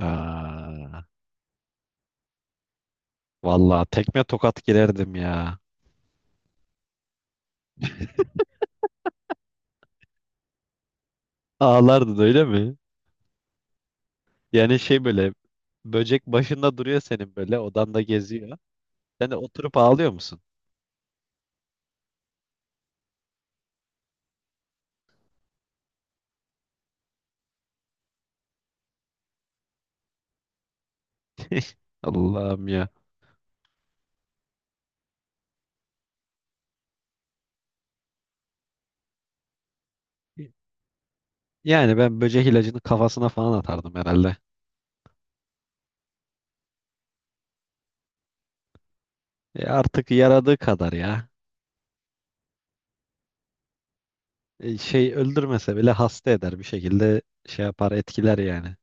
Aa, vallahi tekme tokat girerdim ya. Ağlardın öyle mi? Yani şey böyle böcek başında duruyor, senin böyle odanda geziyor. Sen de oturup ağlıyor musun? Allah'ım ya. Yani ben böcek ilacını kafasına falan atardım herhalde. E artık yaradığı kadar ya. E şey öldürmese bile hasta eder, bir şekilde şey yapar, etkiler yani.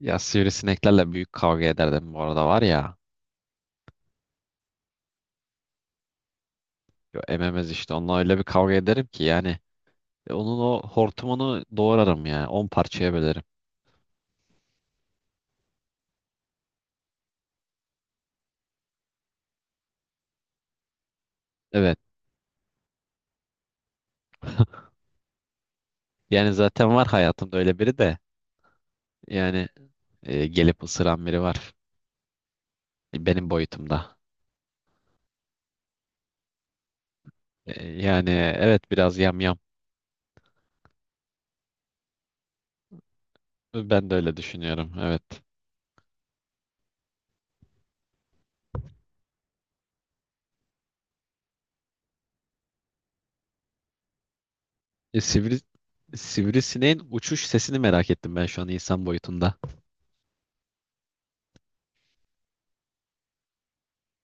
Ya sivrisineklerle büyük kavga ederdim bu arada var ya. Yo, ememez işte, onunla öyle bir kavga ederim ki yani. E, onun o hortumunu doğrarım ya. On parçaya bölerim. Evet. Yani zaten var hayatımda öyle biri de. Yani gelip ısıran biri var. E, benim boyutumda. E, yani evet, biraz yamyam. Ben de öyle düşünüyorum. Evet. E, sivrisineğin uçuş sesini merak ettim ben şu an, insan boyutunda.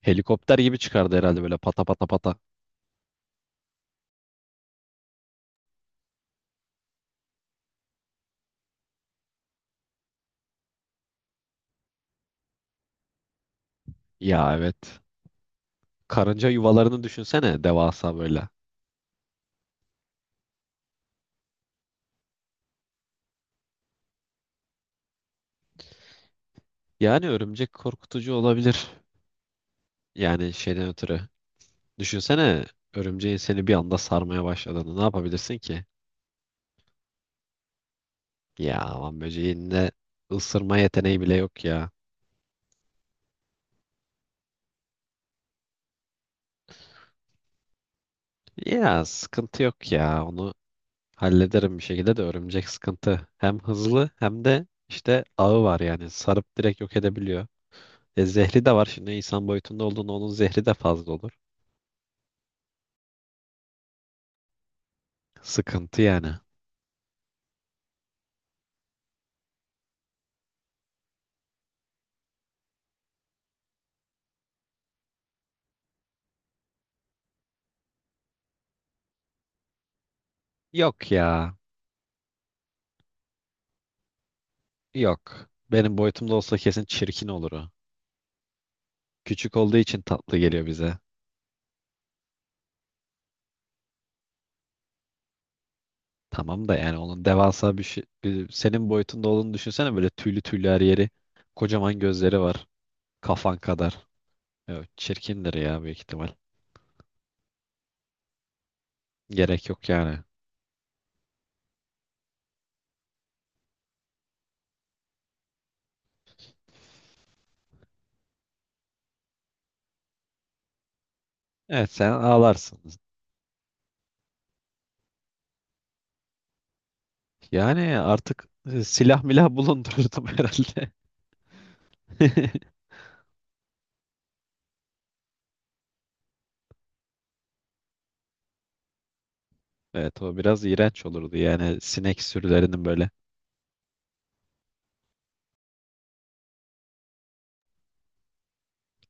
Helikopter gibi çıkardı herhalde, böyle pata pata pata. Ya evet. Karınca yuvalarını düşünsene, devasa böyle. Yani örümcek korkutucu olabilir. Yani şeyden ötürü. Düşünsene, örümceğin seni bir anda sarmaya başladığını, ne yapabilirsin ki? Ya aman böceğin de ısırma yeteneği bile yok ya. Ya sıkıntı yok ya, onu hallederim bir şekilde de örümcek sıkıntı. Hem hızlı hem de işte ağı var, yani sarıp direkt yok edebiliyor. E zehri de var, şimdi insan boyutunda olduğunda onun zehri de fazla olur. Sıkıntı yani. Yok ya, yok. Benim boyutumda olsa kesin çirkin olur o. Küçük olduğu için tatlı geliyor bize. Tamam da yani onun devasa bir şey, senin boyutunda olduğunu düşünsene, böyle tüylü tüylü her yeri. Kocaman gözleri var. Kafan kadar. Evet, çirkindir ya büyük ihtimal. Gerek yok yani. Evet, sen ağlarsın. Yani artık silah milah bulundururdum herhalde. Evet, o biraz iğrenç olurdu yani, sinek sürülerinin böyle.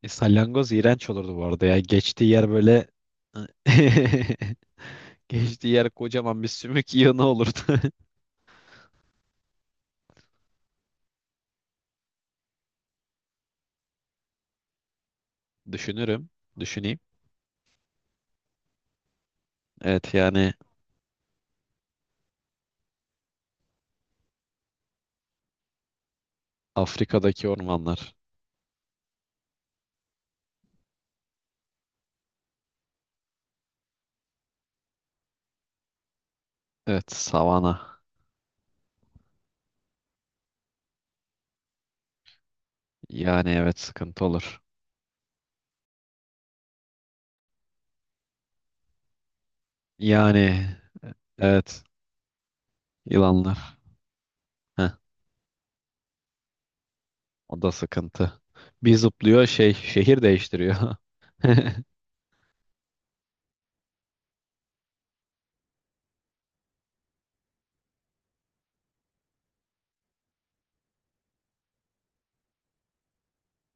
E, salyangoz iğrenç olurdu bu arada ya. Geçtiği yer böyle geçtiği yer kocaman bir sümük yığını olurdu. Düşünürüm. Düşüneyim. Evet yani, Afrika'daki ormanlar. Evet, savana. Yani evet, sıkıntı olur. Yani evet, yılanlar. Heh, o da sıkıntı. Bir zıplıyor, şey, şehir değiştiriyor.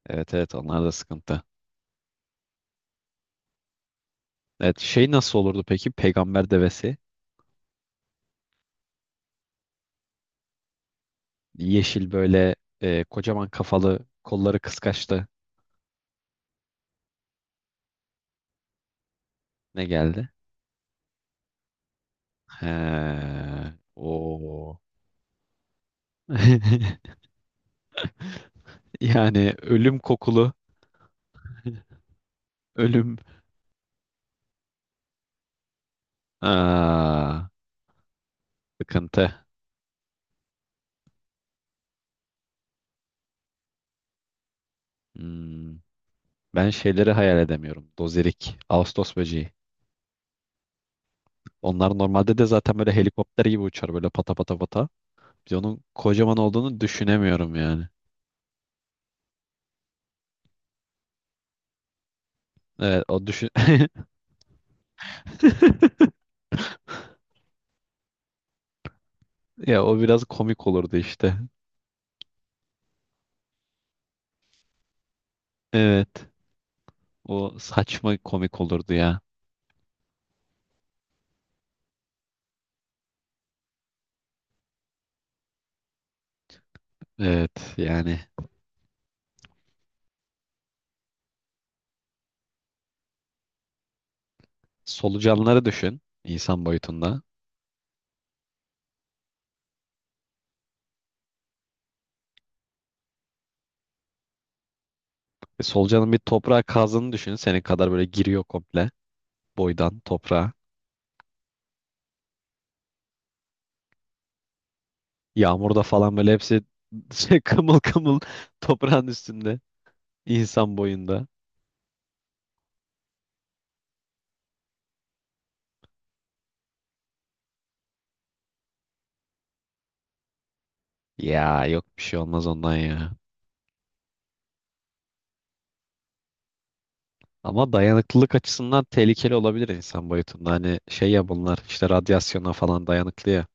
Evet, evet, onlar da sıkıntı. Evet şey, nasıl olurdu peki peygamber devesi? Yeşil böyle, kocaman kafalı, kolları kıskaçlı. Ne geldi? He, o. Yani ölüm kokulu. Ölüm. Aa. Sıkıntı. Hmm, ben şeyleri hayal edemiyorum. Dozerik, Ağustos böceği. Onlar normalde de zaten böyle helikopter gibi uçar, böyle pata pata pata. Biz onun kocaman olduğunu düşünemiyorum yani. Evet o, düşün... Ya o biraz komik olurdu işte. Evet. O saçma komik olurdu ya. Evet yani solucanları düşün, insan boyutunda. E, solucanın bir toprağa kazdığını düşün. Senin kadar böyle giriyor komple, boydan toprağa. Yağmurda falan böyle hepsi şey, kımıl kımıl toprağın üstünde. İnsan boyunda. Ya yok, bir şey olmaz ondan ya. Ama dayanıklılık açısından tehlikeli olabilir insan boyutunda. Hani şey ya, bunlar işte radyasyona falan dayanıklı ya.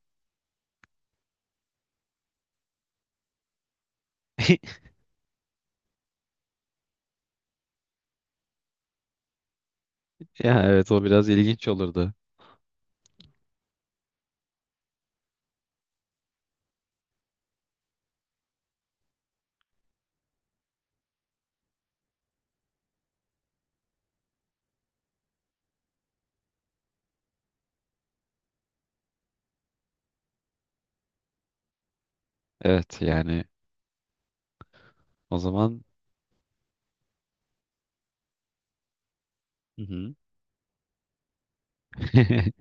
Ya evet, o biraz ilginç olurdu. Evet yani o zaman. Hı hı.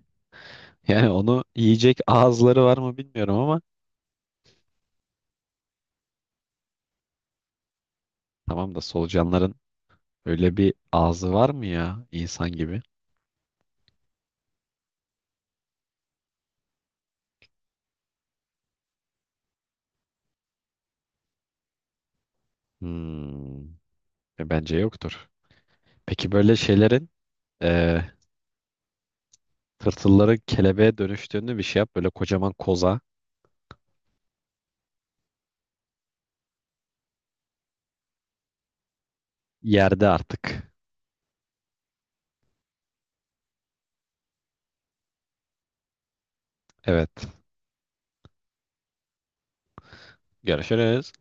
Yani onu yiyecek ağızları var mı bilmiyorum ama, tamam da solucanların öyle bir ağzı var mı ya, insan gibi? Hmm, bence yoktur. Peki böyle şeylerin eee tırtılların kelebeğe dönüştüğünü bir şey yap. Böyle kocaman koza, yerde artık. Evet. Görüşürüz.